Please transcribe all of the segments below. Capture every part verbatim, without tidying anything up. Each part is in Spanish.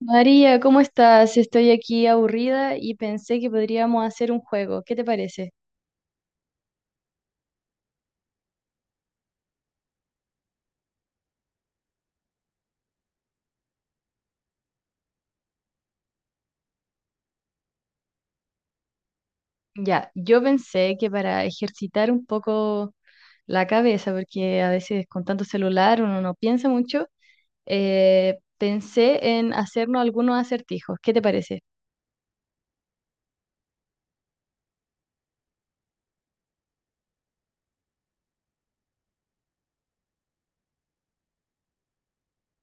María, ¿cómo estás? Estoy aquí aburrida y pensé que podríamos hacer un juego. ¿Qué te parece? Ya, yo pensé que para ejercitar un poco la cabeza, porque a veces con tanto celular uno no piensa mucho, eh, pensé en hacernos algunos acertijos. ¿Qué te parece?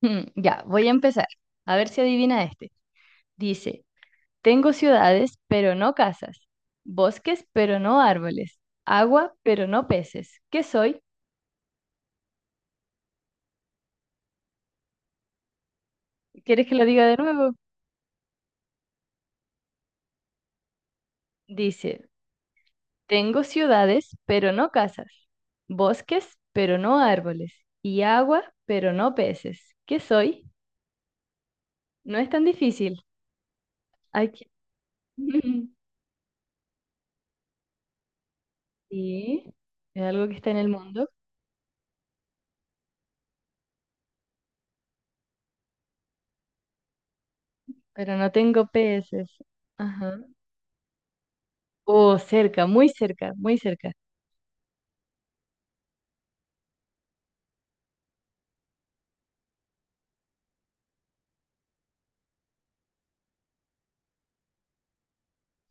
Hmm, ya, voy a empezar. A ver si adivina este. Dice, tengo ciudades, pero no casas, bosques, pero no árboles, agua, pero no peces. ¿Qué soy? ¿Quieres que lo diga de nuevo? Dice, tengo ciudades, pero no casas, bosques, pero no árboles, y agua, pero no peces. ¿Qué soy? No es tan difícil. Hay que- Sí, es algo que está en el mundo, pero no tengo peces. Ajá. Oh, cerca, muy cerca, muy cerca.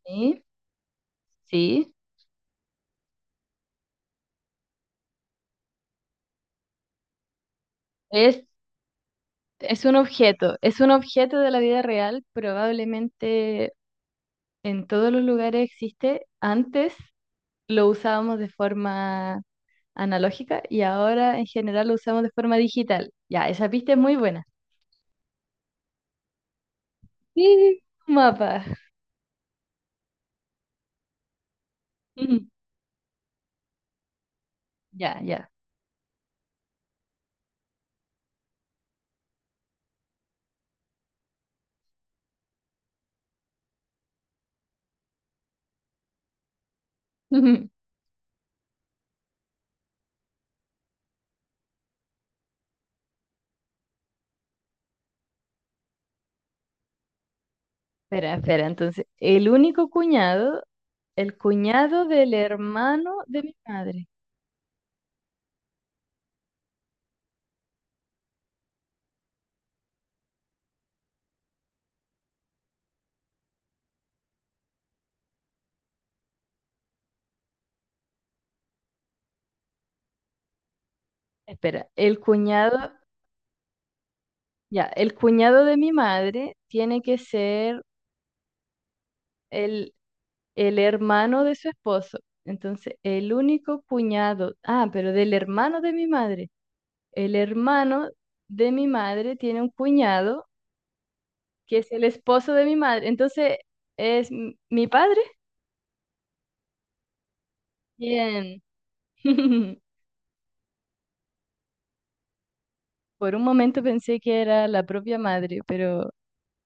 Sí, sí. Es, es un objeto, es un objeto de la vida real, probablemente en todos los lugares existe. Antes lo usábamos de forma analógica y ahora en general lo usamos de forma digital. Ya, esa pista es muy buena. Sí, mapa. Ujú. Ya, ya. Ujú. Espera, espera. Entonces, el único cuñado, el cuñado del hermano de mi madre. Espera, el cuñado, ya, el cuñado de mi madre tiene que ser el, el hermano de su esposo. Entonces, el único cuñado, ah, pero del hermano de mi madre. El hermano de mi madre tiene un cuñado que es el esposo de mi madre. Entonces, ¿es m- mi padre? Bien. Por un momento pensé que era la propia madre, pero,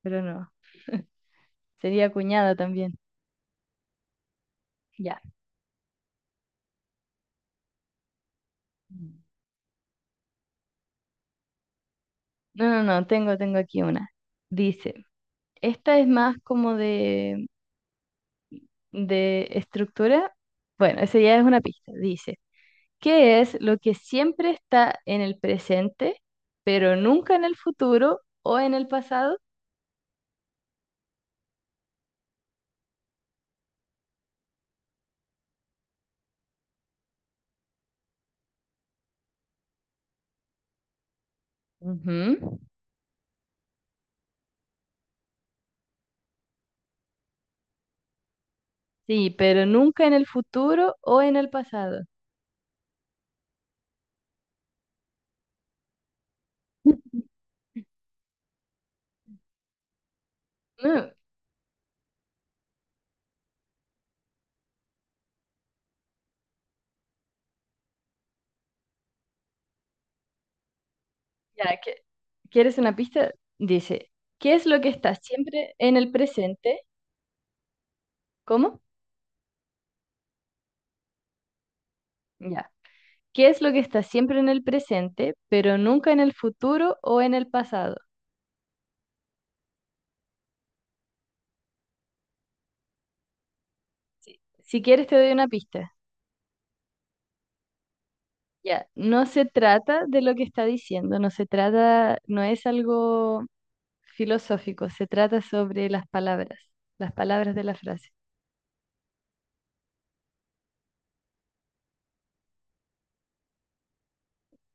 pero no. Sería cuñada también. Ya. Mm. No, no, no, tengo, tengo aquí una. Dice, esta es más como de, de estructura. Bueno, esa ya es una pista. Dice. ¿Qué es lo que siempre está en el presente, pero nunca en el futuro o en el pasado? Ujú. Sí, pero nunca en el futuro o en el pasado. Mm, Ya, que- ¿quieres una pista? Dice, ¿qué es lo que está siempre en el presente? ¿Cómo? Ya. ¿Qué es lo que está siempre en el presente, pero nunca en el futuro o en el pasado? Si quieres te doy una pista. Ya, no se trata de lo que está diciendo, no se trata, no es algo filosófico, se trata sobre las palabras, las palabras de la frase.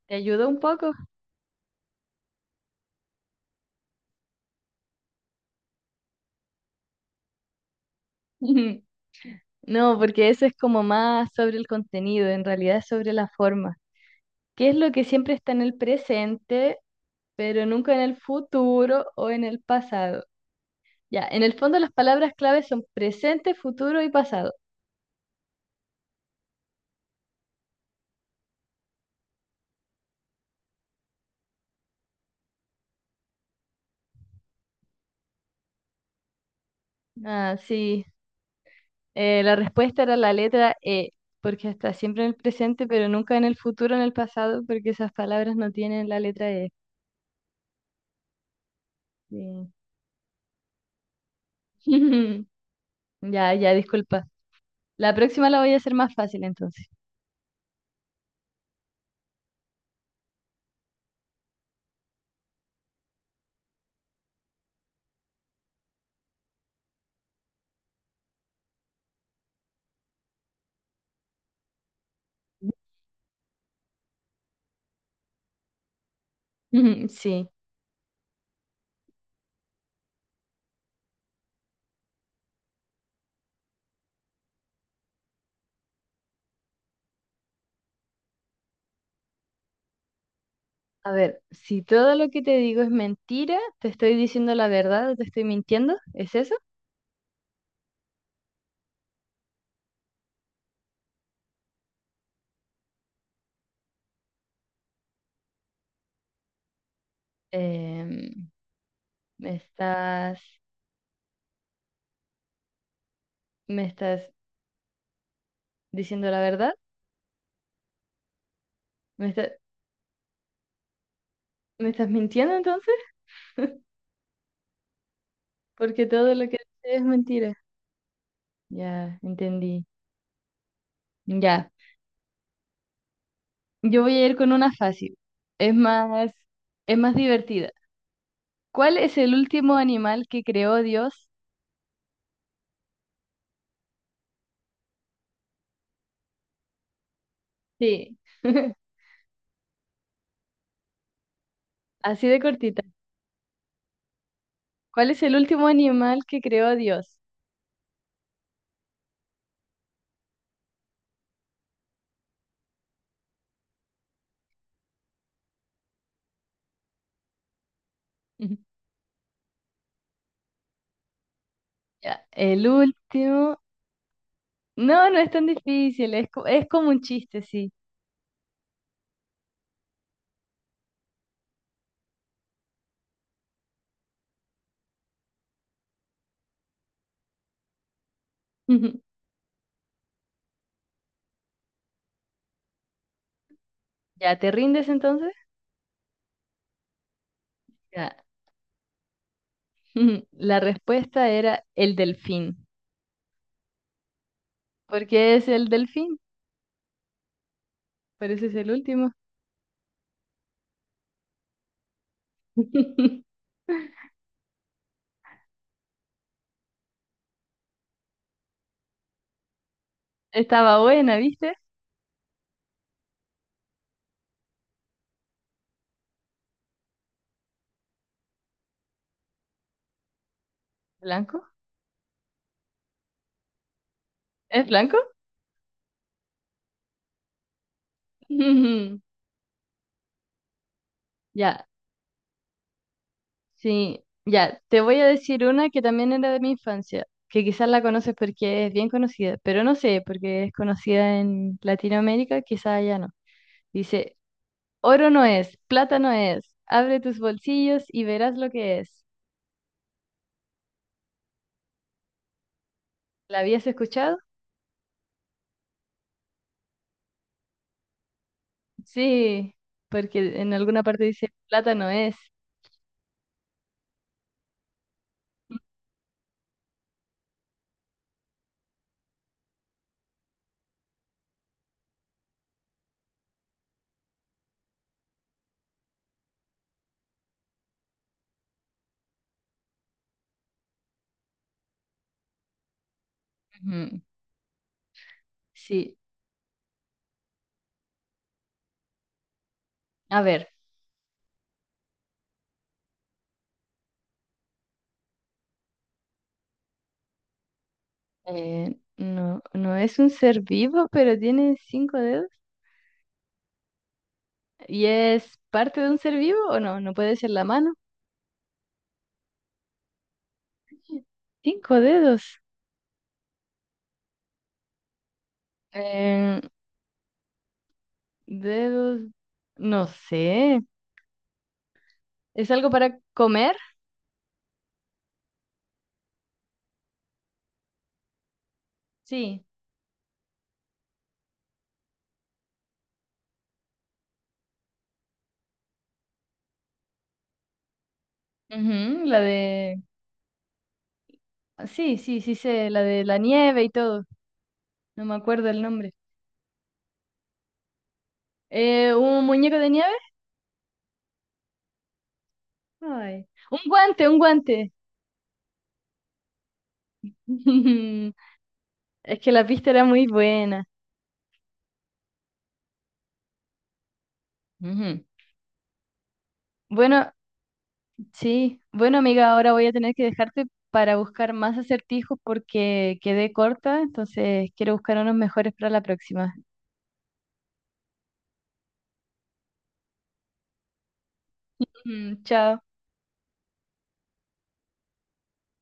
¿Te ayudó un poco? No, porque eso es como más sobre el contenido, en realidad es sobre la forma. ¿Qué es lo que siempre está en el presente, pero nunca en el futuro o en el pasado? Ya, en el fondo las palabras claves son presente, futuro y pasado. Ah, sí, eh, la respuesta era la letra E, porque está siempre en el presente, pero nunca en el futuro o en el pasado, porque esas palabras no tienen la letra E. Sí. Ya, ya, disculpa. La próxima la voy a hacer más fácil entonces. Sí. A ver, si todo lo que te digo es mentira, ¿te estoy diciendo la verdad o te estoy mintiendo? ¿Es eso? Em, ¿me estás, me estás diciendo la verdad? ¿Me está- ¿me estás mintiendo entonces? Porque todo lo que dices es mentira. Ya, entendí. Ya. Yo voy a ir con una fácil. Es más, es más divertida. ¿Cuál es el último animal que creó Dios? Sí, así de cortita. ¿Cuál es el último animal que creó Dios? Ujú. Ya, el último. No, no es tan difícil, es, co- es como un chiste, sí. Ujú. ¿Ya te rindes entonces? Ya. Ujú. La respuesta era el delfín. ¿Por qué es el delfín? Por eso es el último. Estaba buena, ¿viste? ¿Blanco? ¿Es blanco? Ujú. Ya. Sí, ya, te voy a decir una que también era de mi infancia, que quizás la conoces porque es bien conocida, pero no sé, porque es conocida en Latinoamérica, quizás allá no. Dice, oro no es, plata no es, abre tus bolsillos y verás lo que es. ¿La habías escuchado? Sí, porque en alguna parte dice, plata no es. Ujú, sí, a ver, eh, no, no es un ser vivo, pero tiene cinco dedos. ¿Y es parte de un ser vivo o no? ¿No puede ser la mano? Cinco dedos. Eh, dedos, no sé. ¿Es algo para comer? Sí. Ujú, la de... ah, sí, sí, sí sé, la de la nieve y todo. No me acuerdo el nombre. Eh, ¿un muñeco de nieve? Ay. Un guante, un guante. Es que la pista era muy buena. Ujú. Bueno, sí. Bueno, amiga, ahora voy a tener que dejarte para buscar más acertijos porque quedé corta, entonces quiero buscar unos mejores para la próxima. Mm, chao.